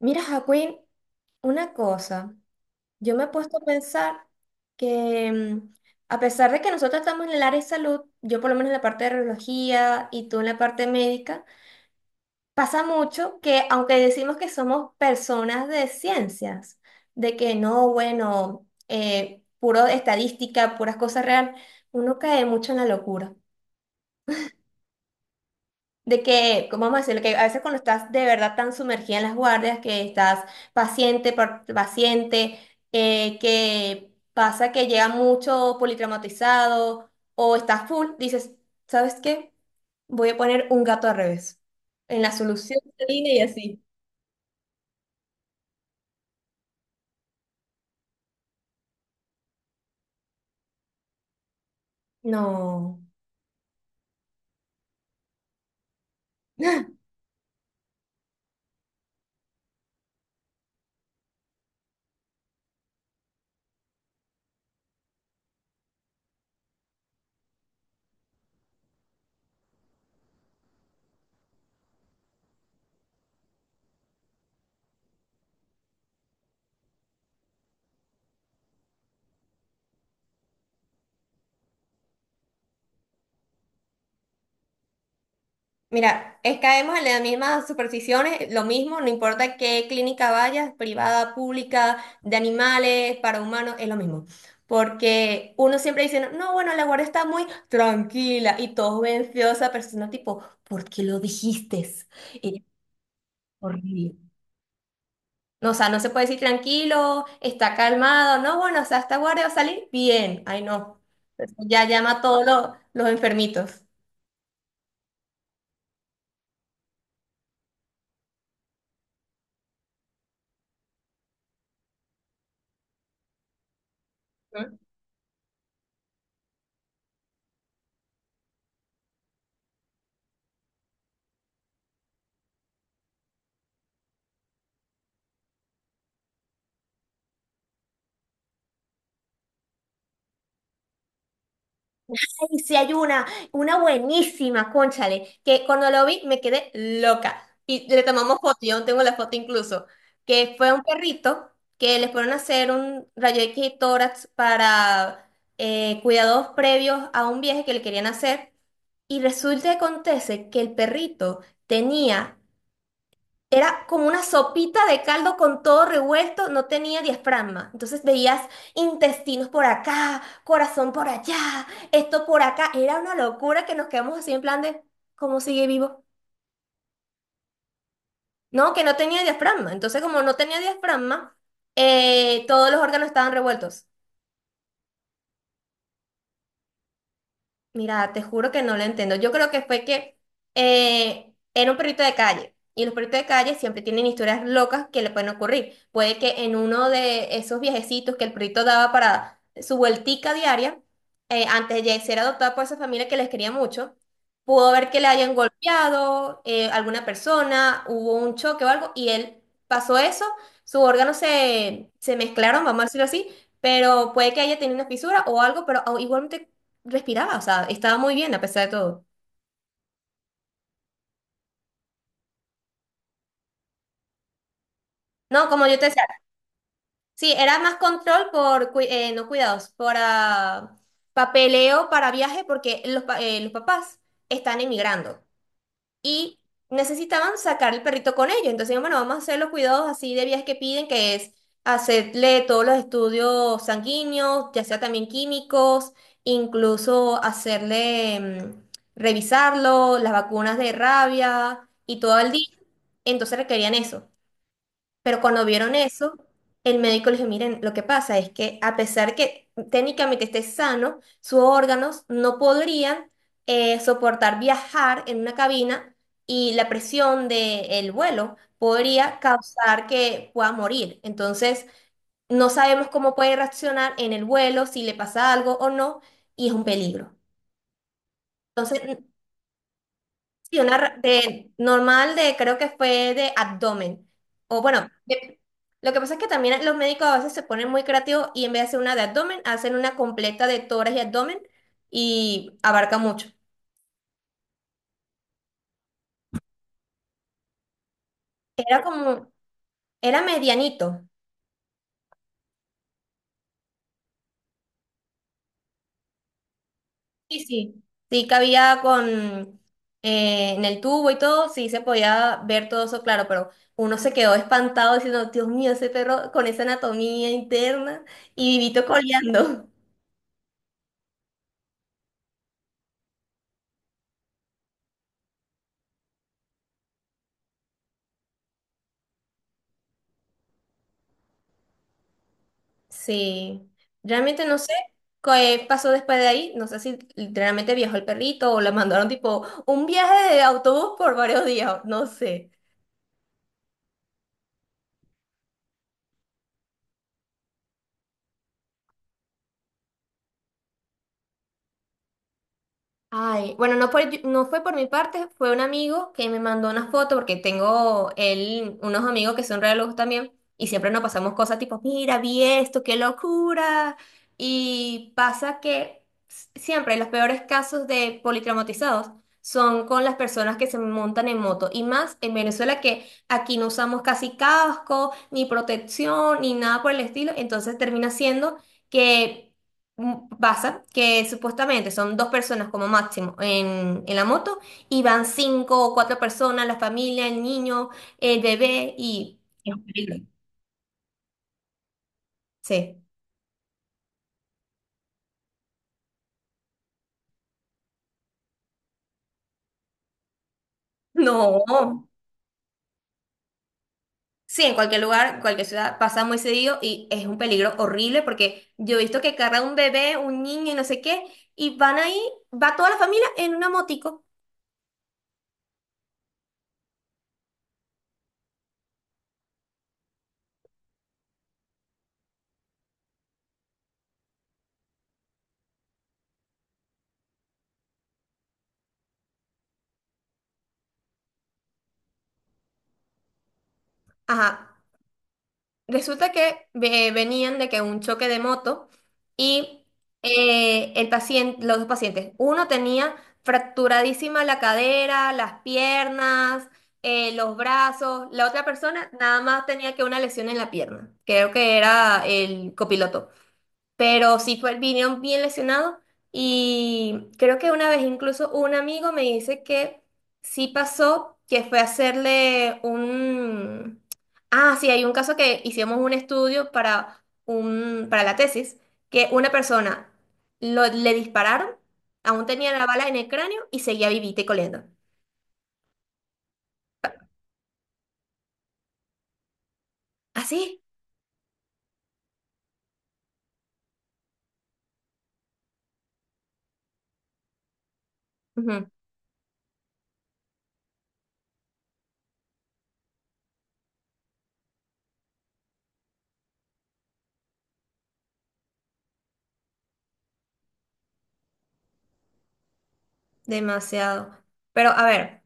Mira, Jacqueline, una cosa, yo me he puesto a pensar que a pesar de que nosotros estamos en el área de salud, yo por lo menos en la parte de radiología y tú en la parte médica, pasa mucho que aunque decimos que somos personas de ciencias, de que no, bueno, puro estadística, puras cosas real, uno cae mucho en la locura. De que, ¿cómo vamos a decirlo? Que a veces cuando estás de verdad tan sumergida en las guardias, que estás paciente por paciente, que pasa que llega mucho politraumatizado o estás full, dices, ¿sabes qué? Voy a poner un gato al revés en la solución de línea y así. No. Mira, caemos en las mismas supersticiones, lo mismo, no importa qué clínica vayas, privada, pública, de animales, para humanos, es lo mismo. Porque uno siempre dice, no, no, bueno, la guardia está muy tranquila y todos ven feo a esa persona tipo, ¿por qué lo dijiste? Eres horrible. No, o sea, no se puede decir tranquilo, está calmado, no, bueno, o sea, esta guardia va a salir bien. Ay, no. Ya llama a todos los enfermitos. Y si hay una buenísima, cónchale, que cuando lo vi me quedé loca. Y le tomamos foto, yo aún tengo la foto incluso, que fue un perrito que les fueron a hacer un rayo X y tórax para cuidados previos a un viaje que le querían hacer. Y resulta que acontece que el perrito tenía era como una sopita de caldo con todo revuelto, no tenía diafragma. Entonces veías intestinos por acá, corazón por allá, esto por acá. Era una locura que nos quedamos así en plan de, ¿cómo sigue vivo? No, que no tenía diafragma. Entonces como no tenía diafragma, todos los órganos estaban revueltos. Mira, te juro que no lo entiendo. Yo creo que fue que era un perrito de calle y los perritos de calle siempre tienen historias locas que le pueden ocurrir. Puede que en uno de esos viajecitos que el perrito daba para su vueltica diaria, antes de ser adoptado por esa familia que les quería mucho, pudo ver que le hayan golpeado alguna persona, hubo un choque o algo y él pasó eso, sus órganos se mezclaron, vamos a decirlo así pero puede que haya tenido una fisura o algo, pero igualmente respiraba, o sea, estaba muy bien a pesar de todo. No, como yo te decía, sí, era más control por, no cuidados, por ah, papeleo para viaje, porque los papás están emigrando y necesitaban sacar el perrito con ellos. Entonces, bueno, vamos a hacer los cuidados así de viajes que piden, que es hacerle todos los estudios sanguíneos, ya sea también químicos, incluso hacerle, revisarlo, las vacunas de rabia y todo el día. Entonces requerían eso. Pero cuando vieron eso, el médico les dijo, miren, lo que pasa es que a pesar que técnicamente esté sano, sus órganos no podrían soportar viajar en una cabina y la presión del vuelo podría causar que pueda morir. Entonces, no sabemos cómo puede reaccionar en el vuelo, si le pasa algo o no, y es un peligro. Entonces, sí, una de normal de creo que fue de abdomen. O bueno, lo que pasa es que también los médicos a veces se ponen muy creativos y en vez de hacer una de abdomen, hacen una completa de tórax y abdomen y abarca mucho. Era como, era medianito. Sí, sí. Sí, cabía con en el tubo y todo, sí se podía ver todo eso claro, pero uno se quedó espantado diciendo, Dios mío, ese perro con esa anatomía interna y vivito coleando. Sí, realmente no sé qué pasó después de ahí. No sé si realmente viajó el perrito o le mandaron tipo un viaje de autobús por varios días. No sé. Ay, bueno, no, no fue por mi parte, fue un amigo que me mandó una foto porque tengo él, unos amigos que son re también y siempre nos pasamos cosas tipo, mira, vi esto, qué locura. Y pasa que siempre los peores casos de politraumatizados son con las personas que se montan en moto y más en Venezuela que aquí no usamos casi casco, ni protección, ni nada por el estilo, entonces termina siendo que pasa que supuestamente son dos personas como máximo en la moto y van cinco o cuatro personas, la familia, el niño, el bebé y... Es un peligro. Sí. No. Sí, en cualquier lugar, en cualquier ciudad pasa muy seguido y es un peligro horrible porque yo he visto que carga un bebé, un niño y no sé qué, y van ahí, va toda la familia en una motico. Ajá. Resulta que venían de que un choque de moto y el paciente, los dos pacientes, uno tenía fracturadísima la cadera, las piernas, los brazos, la otra persona nada más tenía que una lesión en la pierna, creo que era el copiloto pero sí fue, vinieron bien lesionados y creo que una vez incluso un amigo me dice que sí pasó, que fue a hacerle un... Ah, sí, hay un caso que hicimos un estudio para, un, para la tesis, que una persona le dispararon, aún tenía la bala en el cráneo y seguía vivita y coleando. ¿Así? Demasiado. Pero a ver.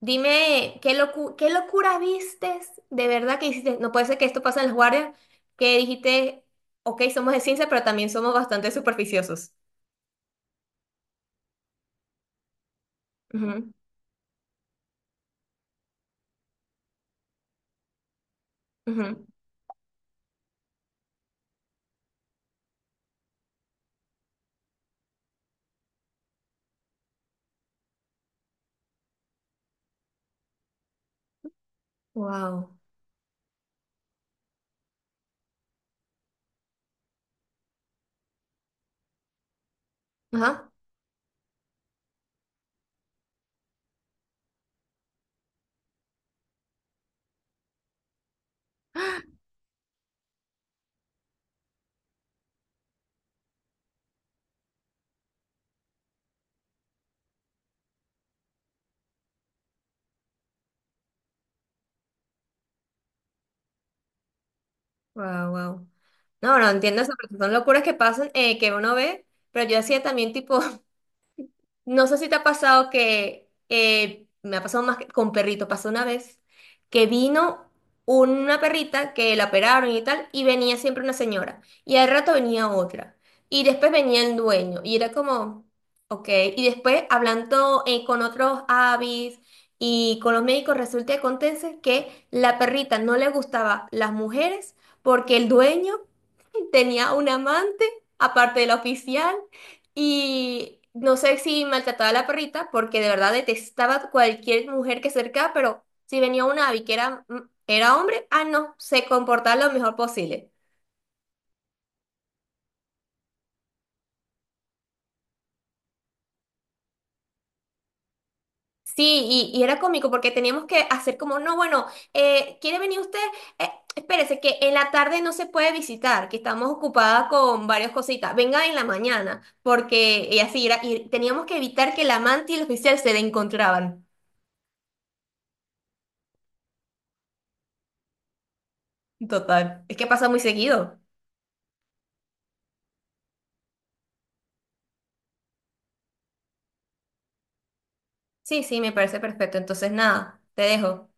Dime, ¿qué qué locura vistes? De verdad que hiciste, no puede ser que esto pase en las guardias, que dijiste, ok, somos de ciencia, pero también somos bastante superficiosos. Ujú, ujú. Wow. Ajá. Wow, wow. No, no entiendo eso, porque son locuras que pasan, que uno ve, pero yo hacía también tipo. No sé si te ha pasado que me ha pasado más que con perrito, pasó una vez que vino una perrita que la operaron y tal, y venía siempre una señora, y al rato venía otra, y después venía el dueño, y era como, ok, y después hablando con otros avis y con los médicos, resulta y acontece que la perrita no le gustaba las mujeres porque el dueño tenía un amante, aparte de la oficial. Y no sé si maltrataba a la perrita, porque de verdad detestaba cualquier mujer que se acercaba, pero si venía una avi que era, era hombre, ah, no, se comportaba lo mejor posible. Sí, y era cómico porque teníamos que hacer como, no, bueno, ¿quiere venir usted? Espérese, que en la tarde no se puede visitar, que estamos ocupadas con varias cositas. Venga en la mañana, porque y así era, y teníamos que evitar que la amante y el oficial se le encontraban. Total, es que pasa muy seguido. Sí, sí, me parece perfecto. Entonces, nada, te dejo.